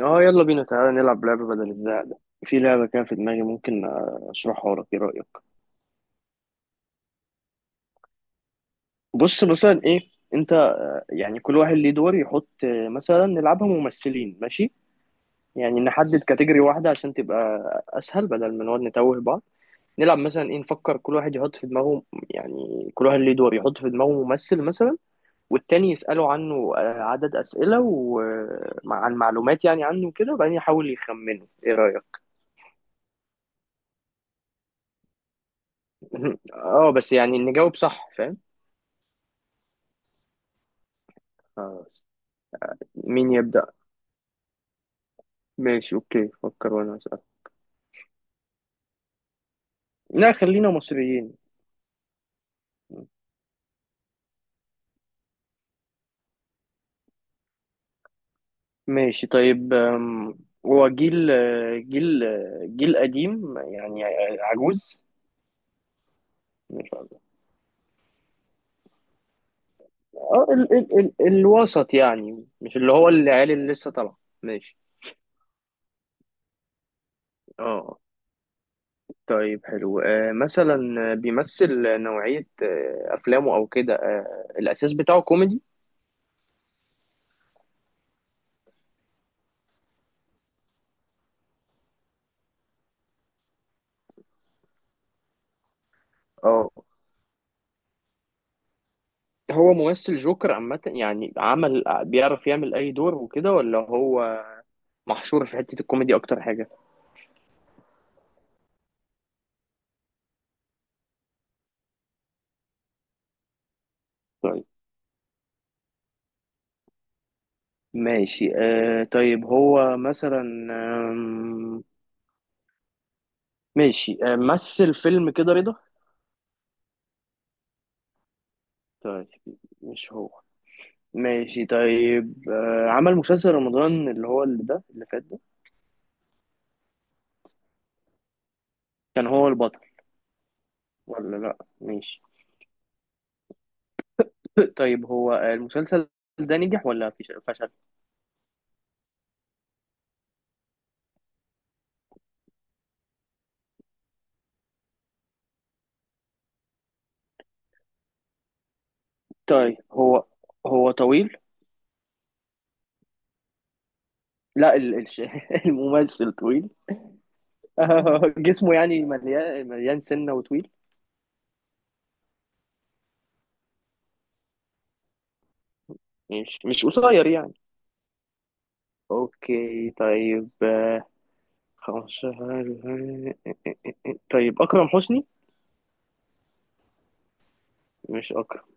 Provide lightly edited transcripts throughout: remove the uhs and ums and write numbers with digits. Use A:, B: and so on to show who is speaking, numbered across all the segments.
A: اه، يلا بينا تعالى نلعب لعبة بدل الزهق ده. في لعبة كده في دماغي، ممكن اشرحها لك، ايه رأيك؟ بص مثلا ايه انت. يعني كل واحد ليه دور يحط، مثلا نلعبها ممثلين، ماشي؟ يعني نحدد كاتيجوري واحدة عشان تبقى اسهل بدل ما نقعد نتوه بعض. نلعب مثلا ايه، نفكر كل واحد يحط في دماغه. يعني كل واحد ليه دور يحط في دماغه ممثل مثلا، والتاني يسأله عنه عدد أسئلة وعن معلومات يعني عنه كده، وبعدين يحاول يخمنه. ايه رأيك؟ اه، بس يعني نجاوب صح، فاهم؟ خلاص. مين يبدأ؟ ماشي، اوكي، فكر وانا اسأل. لا خلينا مصريين. ماشي طيب، هو جيل جيل قديم يعني؟ عجوز؟ مش عجوز. اه، ال ال ال الوسط يعني، مش اللي هو العيال اللي لسه طالعه، ماشي. اه طيب حلو، مثلا بيمثل نوعية أفلامه، أو كده الأساس بتاعه كوميدي؟ اه هو ممثل جوكر عامة يعني، عمل بيعرف يعمل أي دور وكده، ولا هو محشور في حتة الكوميدي أكتر حاجة؟ طيب ماشي، طيب هو مثلا آم، ماشي، مثل فيلم كده رضا؟ طيب، مش هو. ماشي طيب، عمل مسلسل رمضان اللي هو اللي ده اللي فات ده، كان هو البطل ولا لأ؟ ماشي. طيب هو المسلسل ده نجح ولا فشل؟ طيب هو طويل؟ لا، الممثل طويل؟ جسمه يعني مليان، مليان سنة وطويل؟ مش قصير يعني؟ اوكي طيب، 15. طيب، اكرم حسني؟ مش اكرم.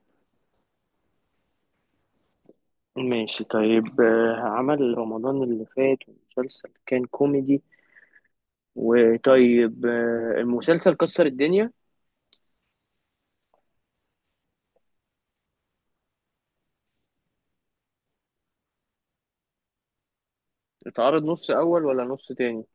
A: ماشي طيب، عمل رمضان اللي فات ومسلسل كان كوميدي. وطيب، المسلسل كسر الدنيا؟ اتعرض نص اول ولا نص تاني؟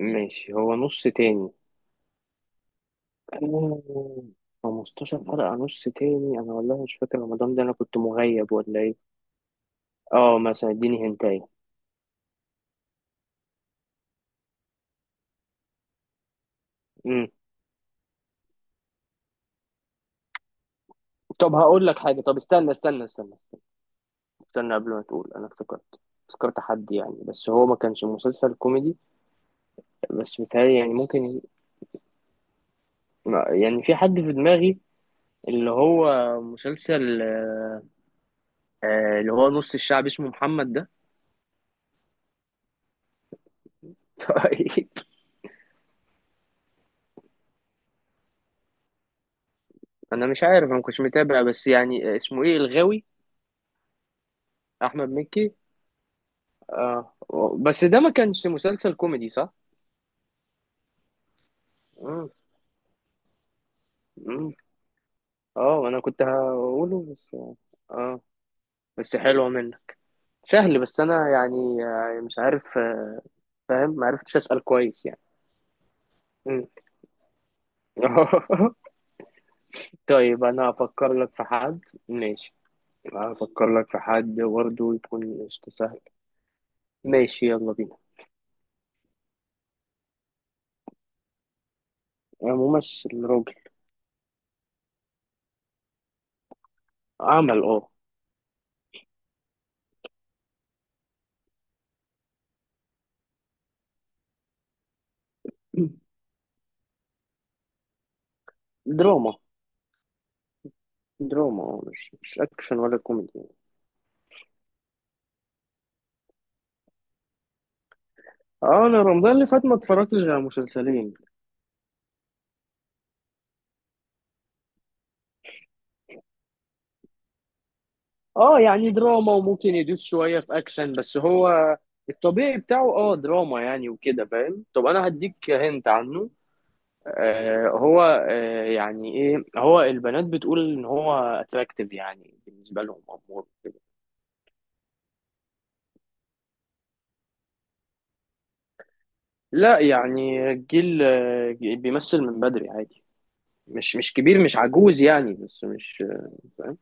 A: ماشي، هو نص تاني. أوه، 15 حلقة نص تاني، أنا والله مش فاكر رمضان ده، أنا كنت مغيب ولا إيه؟ أه مثلا إديني هنتاية. أمم. طب هقول لك حاجة، طب استنى استنى استنى. استنى قبل ما تقول، انا افتكرت افتكرت حد يعني، بس هو ما كانش مسلسل كوميدي. بس مثالي، يعني ممكن يعني في حد في دماغي اللي هو مسلسل، اللي هو نص الشعب اسمه محمد ده. طيب انا مش عارف، انا ما كنتش متابع، بس يعني اسمه ايه، الغاوي. احمد مكي. اه بس ده ما كانش مسلسل كوميدي، صح؟ مم. مم. اه انا كنت هقوله بس. اه بس حلو منه، سهل، بس انا يعني مش عارف، فاهم، ما عرفتش اسال كويس يعني. مم. طيب انا هفكر لك في حد. ماشي، هفكر لك في حد برضه يكون قشطة سهل. ماشي يلا بينا. ممثل راجل. عمل اه. دراما، دراما اه، مش اكشن ولا كوميدي. اه انا رمضان اللي فات ما اتفرجتش غير على مسلسلين. اه يعني دراما، وممكن يدوس شوية في اكشن، بس هو الطبيعي بتاعه اه دراما يعني وكده، فاهم؟ طب انا هديك هنت عنه. هو يعني ايه، هو البنات بتقول ان هو اتراكتيف يعني بالنسبه لهم، امور كده. لا، يعني الجيل بيمثل من بدري عادي، مش كبير، مش عجوز يعني، بس مش فاهم.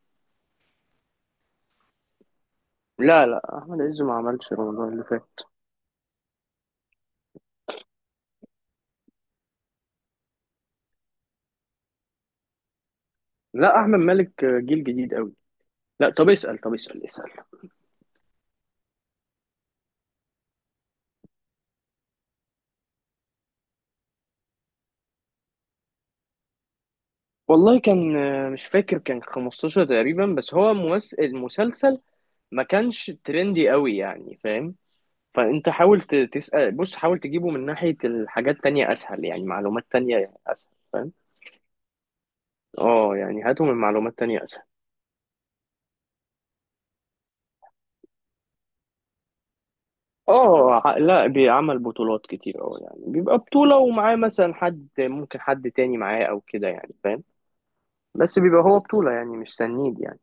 A: لا لا، احمد عز ما عملش رمضان اللي فات. لا، احمد مالك جيل جديد قوي. لا، طب اسال، طب اسال اسال. والله كان مش فاكر، كان 15 تقريبا، بس هو ممثل المسلسل ما كانش ترندي قوي يعني، فاهم. فانت حاول تسأل، بص حاول تجيبه من ناحية الحاجات تانية اسهل، يعني معلومات تانية اسهل، فاهم. اه يعني هاته من معلومات تانية اسهل. اه لا بيعمل بطولات كتير، اه يعني بيبقى بطولة ومعاه مثلا حد، ممكن حد تاني معاه او كده يعني، فاهم. بس بيبقى هو بطولة يعني، مش سنيد يعني.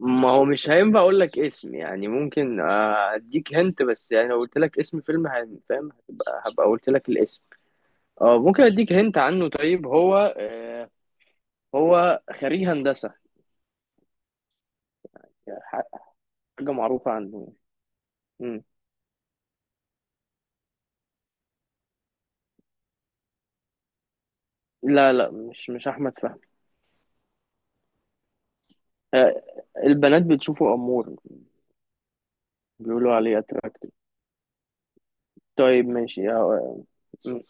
A: ما هو مش هينفع اقول لك اسم يعني، ممكن اديك هنت، بس يعني لو قلت لك اسم فيلم فاهم، هبقى قلت لك الاسم. اه ممكن اديك هنت عنه. طيب هو خريج هندسة، حاجة معروفة عنه يعني. مم. لا لا، مش أحمد فهمي. آه، البنات بتشوفه أمور، بيقولوا عليه أتراكتيف. طيب ماشي، مم.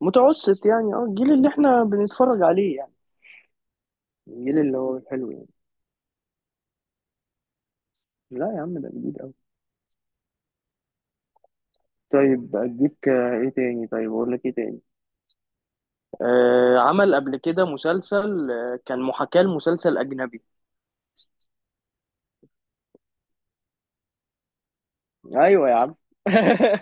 A: متوسط يعني، اه الجيل اللي احنا بنتفرج عليه يعني، الجيل اللي هو الحلو يعني. لا يا عم، ده جديد أوي. طيب أديك إيه تاني، طيب أقول لك إيه تاني. عمل قبل كده مسلسل كان محاكاة لمسلسل أجنبي. أيوه يا عم.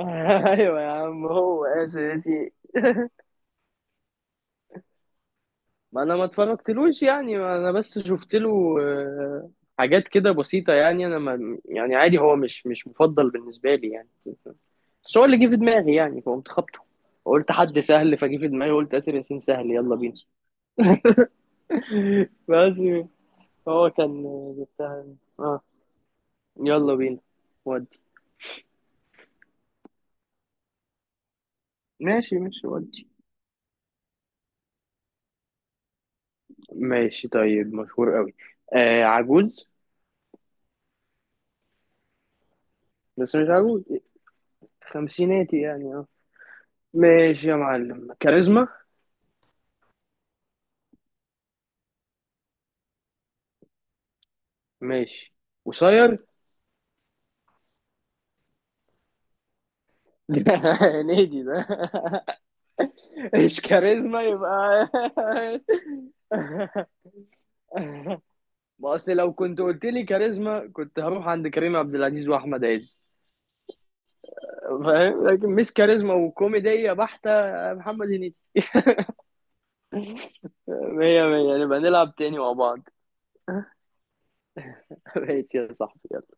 A: ايوه يا عم، هو اساسي. ما انا ما اتفرجتلوش يعني، ما انا بس شفت له حاجات كده بسيطة، يعني انا ما يعني عادي، هو مش مفضل بالنسبة لي يعني. بس هو اللي جه في دماغي يعني، فقمت خبطه، قلت حد سهل، فجه في دماغي قلت آسر ياسين سهل، يلا بينا. بس. هو كان. جبتها. اه، يلا بينا. ودي، ماشي ماشي، ودي. ماشي طيب، مشهور قوي. عجوز؟ بس مش عجوز، خمسيناتي يعني، اه. ماشي يا معلم، كاريزما؟ ماشي، قصير؟ هنيدي ده؟ ايش كاريزما يبقى؟ ما اصل لو كنت قلت لي كاريزما، كنت هروح عند كريم عبد العزيز واحمد عز، فاهم، لكن مش كاريزما وكوميديه بحته، محمد هنيدي. مية مية، نبقى نلعب تاني مع بعض. ماشي يا صاحبي، يلا.